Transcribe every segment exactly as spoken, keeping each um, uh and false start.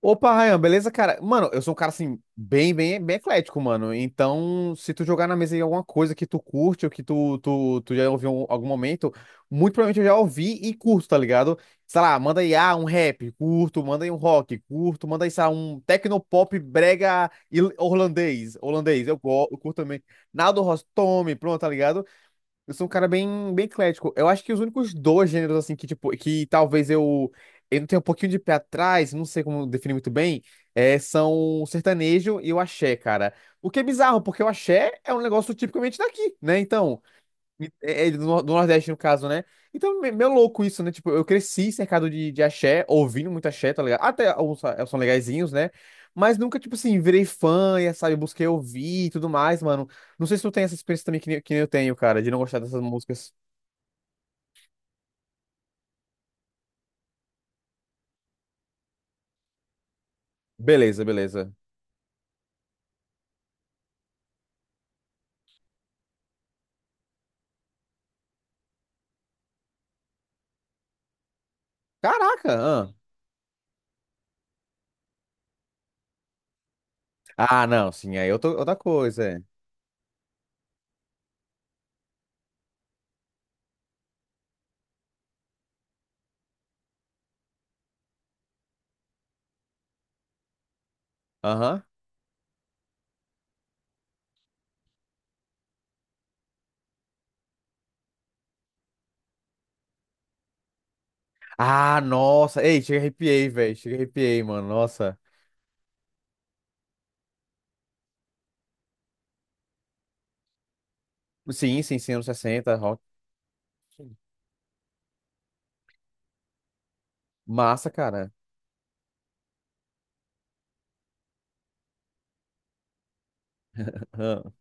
Opa, Ryan, beleza, cara? Mano, eu sou um cara assim, bem, bem, bem eclético, mano. Então, se tu jogar na mesa aí alguma coisa que tu curte ou que tu, tu, tu já ouviu em algum momento, muito provavelmente eu já ouvi e curto, tá ligado? Sei lá, manda aí, ah, um rap, curto, manda aí um rock, curto, manda aí, sei lá, um tecnopop brega il- holandês, holandês, eu, go- eu curto também. Naldo Rostome, pronto, tá ligado? Eu sou um cara bem, bem eclético. Eu acho que os únicos dois gêneros, assim, que, tipo, que talvez eu, eu tenha um pouquinho de pé atrás, não sei como definir muito bem, é, são o sertanejo e o axé, cara. O que é bizarro, porque o axé é um negócio tipicamente daqui, né? Então, é, é do Nor- do Nordeste, no caso, né? Então, me- meio louco isso, né? Tipo, eu cresci cercado de, de axé, ouvindo muito axé, tá ligado? Até alguns sa- são legaizinhos, né? Mas nunca, tipo assim, virei fã, e, sabe? Busquei ouvir e tudo mais, mano. Não sei se tu tem essa experiência também que, nem- que nem eu tenho, cara, de não gostar dessas músicas. Beleza, beleza. Caraca! Ah, ah não, sim, aí eu tô, outra coisa, é. Aham. Ah, nossa! Ei, chega arrepiei, velho. Chega arrepiei, mano. Nossa. Sim, sim, sim, anos sessenta rock. Massa, cara. Aham.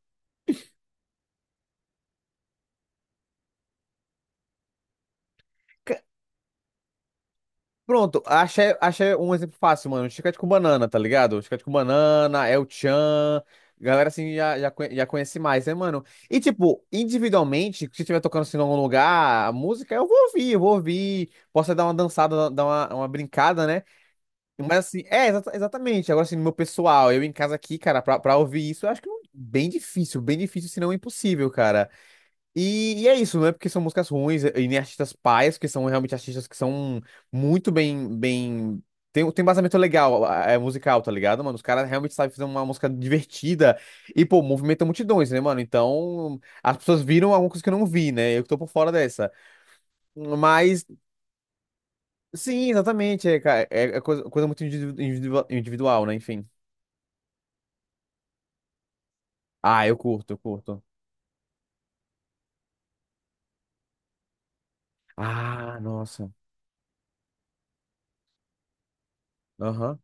Pronto, achei, achei um exemplo fácil, mano. Chiclete com banana, tá ligado? Chiclete com banana, El Chan. Galera assim já, já, conhe- já conhece mais, né, mano? E tipo, individualmente, se estiver tocando assim em algum lugar, a música eu vou ouvir, eu vou ouvir. Posso dar uma dançada, dar uma, uma brincada, né? Mas assim, é, exata- exatamente. Agora assim, no meu pessoal, eu em casa aqui, cara, pra, pra ouvir isso, eu acho que não- bem difícil, bem difícil, se não impossível, cara. E, e é isso, não é porque são músicas ruins e nem artistas paias, que são realmente artistas que são muito bem, bem... Tem, tem embasamento legal, é musical, tá ligado, mano? Os caras realmente sabem fazer uma música divertida e, pô, movimenta multidões, né, mano? Então, as pessoas viram alguma coisa que eu não vi, né? Eu que tô por fora dessa. Mas, sim, exatamente, é, cara, é, é coisa, coisa muito individu- individua- individual, né? Enfim. Ah, eu curto, eu curto. Ah, nossa. Aham.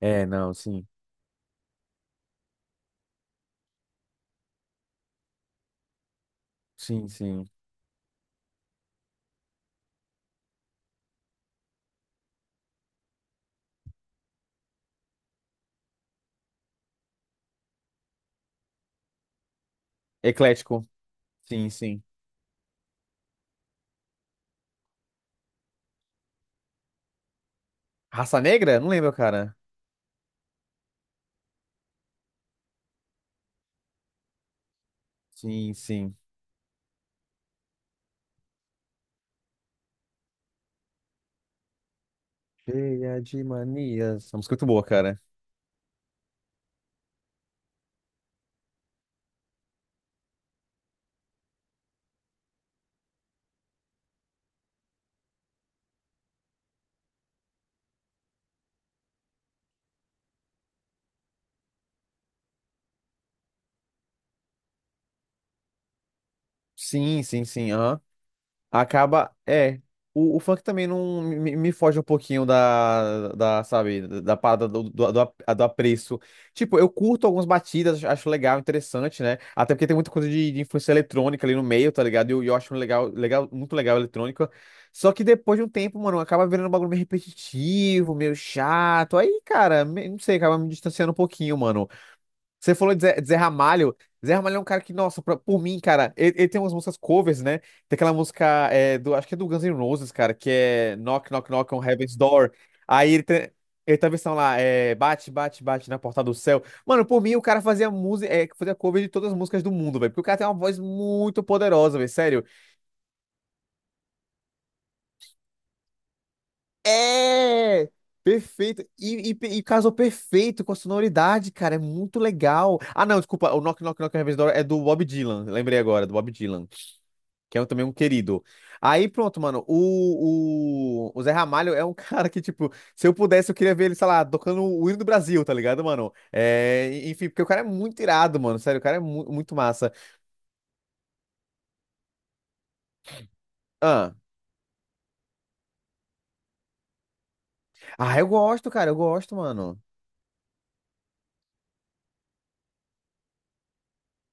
É, não, sim. Sim, sim. Eclético. Sim, sim. Raça Negra? Não lembro, cara. Sim, sim. Cheia de manias. Essa música é muito boa, cara. Sim, sim, sim. Aham. Acaba. É. O, o funk também não me, me foge um pouquinho da, da, sabe, da parada do, do, do, a- do apreço. Tipo, eu curto algumas batidas, acho acho legal, interessante, né? Até porque tem muita coisa de, de influência eletrônica ali no meio, tá ligado? E eu, eu acho um legal, legal, muito legal a eletrônica. Só que depois de um tempo, mano, acaba virando um bagulho meio repetitivo, meio chato. Aí, cara, me- não sei, acaba me distanciando um pouquinho, mano. Você falou de Zé, de Zé Ramalho. Zé Ramalho é um cara que, nossa, pra- por mim, cara, ele, ele tem umas músicas covers, né? Tem aquela música, é, do, acho que é do Guns N' Roses, cara, que é Knock, Knock, Knock on Heaven's Door. Aí ele tem, ele tem a versão lá, é, bate, bate, bate na porta do céu. Mano, por mim, o cara fazia música, é, fazia cover de todas as músicas do mundo, velho. Porque o cara tem uma voz muito poderosa, velho, sério. É! Perfeito. E, e, pe- e casou perfeito com a sonoridade, cara. É muito legal. Ah, não, desculpa. O Knock Knock Knock Heaven's Door é do Bob Dylan. Lembrei agora, do Bob Dylan. Que é também um querido. Aí pronto, mano. O, o, o Zé Ramalho é um cara que, tipo, se eu pudesse, eu queria ver ele, sei lá, tocando o hino do Brasil, tá ligado, mano? É, enfim, porque o cara é muito irado, mano. Sério, o cara é mu- muito massa. Ah, ah, eu gosto, cara, eu gosto, mano.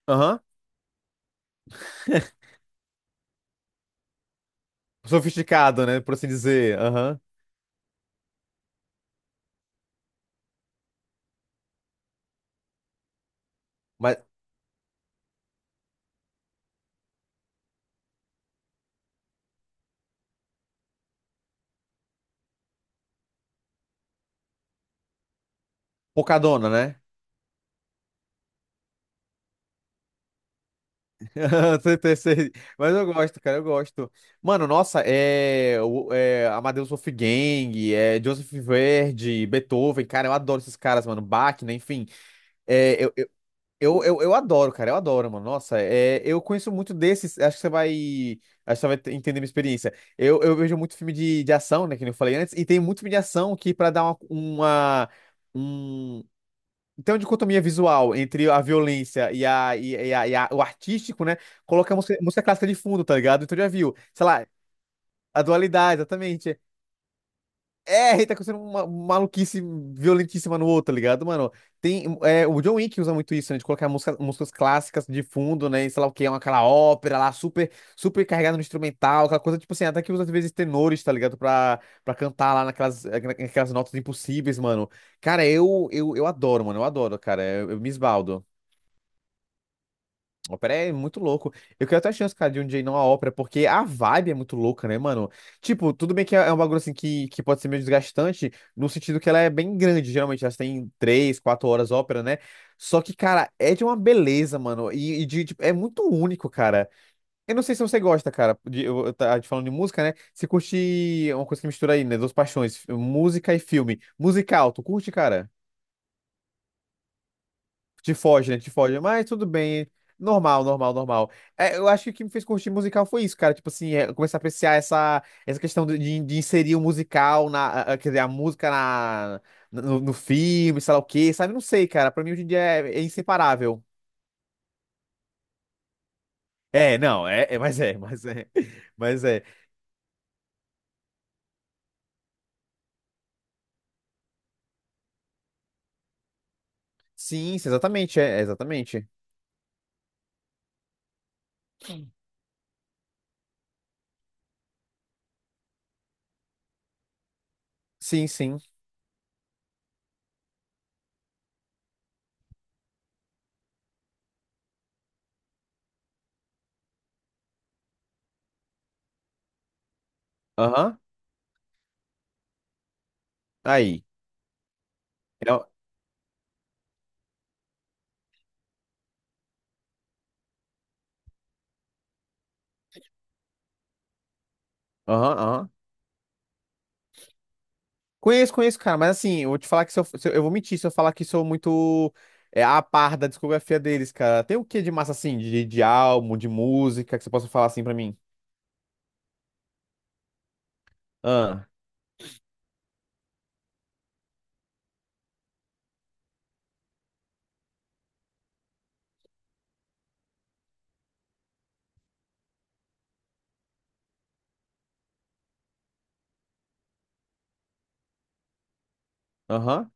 Aham. Sofisticado, né? Por assim dizer. Aham. Mas. Pocadona, né? Sei, sei, sei. Mas eu gosto, cara, eu gosto. Mano, nossa, é, o- é Amadeus Wolfgang, é Joseph Verdi, Beethoven, cara, eu adoro esses caras, mano. Bach, né, enfim. É, eu, eu, eu, eu eu adoro, cara, eu adoro, mano. Nossa, é, eu conheço muito desses, acho que você vai, acho que você vai te- entender minha experiência. Eu, eu vejo muito filme de, de ação, né, que nem eu falei antes, e tem muito filme de ação que pra dar uma, uma- um- então, dicotomia visual entre a violência e, a, e, e a- e a- o artístico, né? Coloca a música, música clássica de fundo, tá ligado? Então já viu, sei lá, a dualidade, exatamente. É, a tá acontecendo uma maluquice violentíssima no outro, tá ligado, mano? Tem, é, o John Wick usa muito isso, né? De colocar música, músicas clássicas de fundo, né? E sei lá o que, aquela ópera lá, super, super carregada no instrumental, aquela coisa, tipo assim, até que usa às vezes tenores, tá ligado? Pra, pra cantar lá naquelas, naquelas notas impossíveis, mano. Cara, eu, eu, eu adoro, mano, eu adoro, cara, eu eu me esbaldo. Ópera é muito louco. Eu quero até a chance, cara, de um dia ir numa ópera, porque a vibe é muito louca, né, mano? Tipo, tudo bem que é é um bagulho assim que, que pode ser meio desgastante, no sentido que ela é bem grande, geralmente. Elas têm três, quatro horas ópera, né? Só que, cara, é de uma beleza, mano. E, e de, tipo, é muito único, cara. Eu não sei se você gosta, cara, de, eu, eu tá- falando de música, né? Se curte uma coisa que mistura aí, né? Duas paixões, música e filme. Musical, tu curte, cara? Te foge, né? Te foge. Mas tudo bem. Normal, normal, normal. É, eu acho que o que me fez curtir musical foi isso, cara. Tipo assim, é, começar a apreciar essa, essa questão de, de de inserir o musical na, a- a- quer dizer, a música na, no, no filme, sei lá o quê, sabe? Não sei, cara. Pra mim hoje em dia é, é inseparável. É, não, é, é, mas é, mas é, mas é. Sim, sim, exatamente, é, exatamente. Sim, sim. Aham. Aí. É, aham, aham. Conheço, conheço, cara, mas assim, eu vou te falar que se eu, se eu, eu vou mentir se eu falar que sou muito é, a par da discografia deles, cara. Tem o que de massa assim, de, de álbum, de música, que você possa falar assim pra mim? Ah, aham.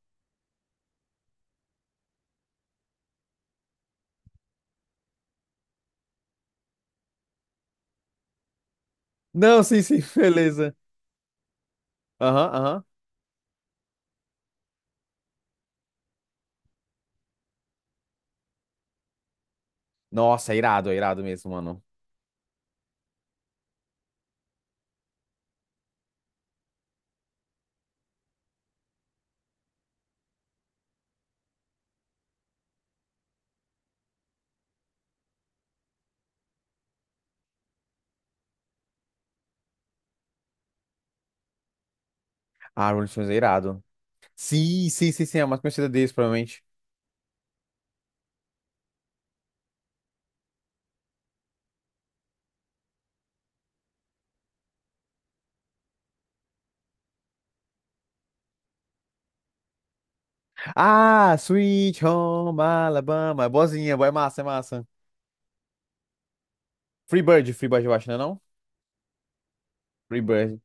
Não, sim, sim, beleza. Aham, aham. Nossa, é irado, é irado mesmo, mano. Ah, Rolling Stones é irado. Sim, sim, sim, sim, é a mais conhecida deles, provavelmente. Ah, Sweet Home Alabama, é boazinha, boa, é massa, é massa. Free Bird, Free Bird, eu acho, não é não? Free Bird.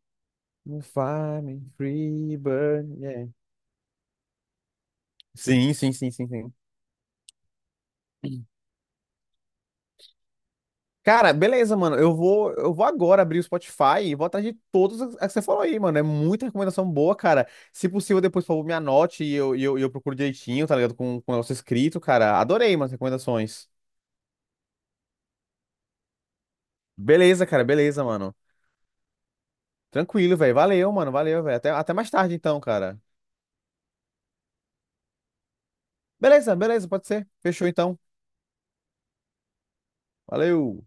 You find me, Free Bird, yeah. Sim, sim, sim, sim, sim. Cara, beleza, mano. Eu vou, eu vou agora abrir o Spotify e vou atrás de todas as as que você falou aí, mano. É muita recomendação boa, cara. Se possível, depois, por favor, me anote e eu, e eu, e eu procuro direitinho, tá ligado? Com, com o negócio escrito, cara. Adorei, mano, as recomendações. Beleza, cara, beleza, mano. Tranquilo, velho. Valeu, mano. Valeu, velho. Até, até mais tarde, então, cara. Beleza, beleza, pode ser. Fechou, então. Valeu.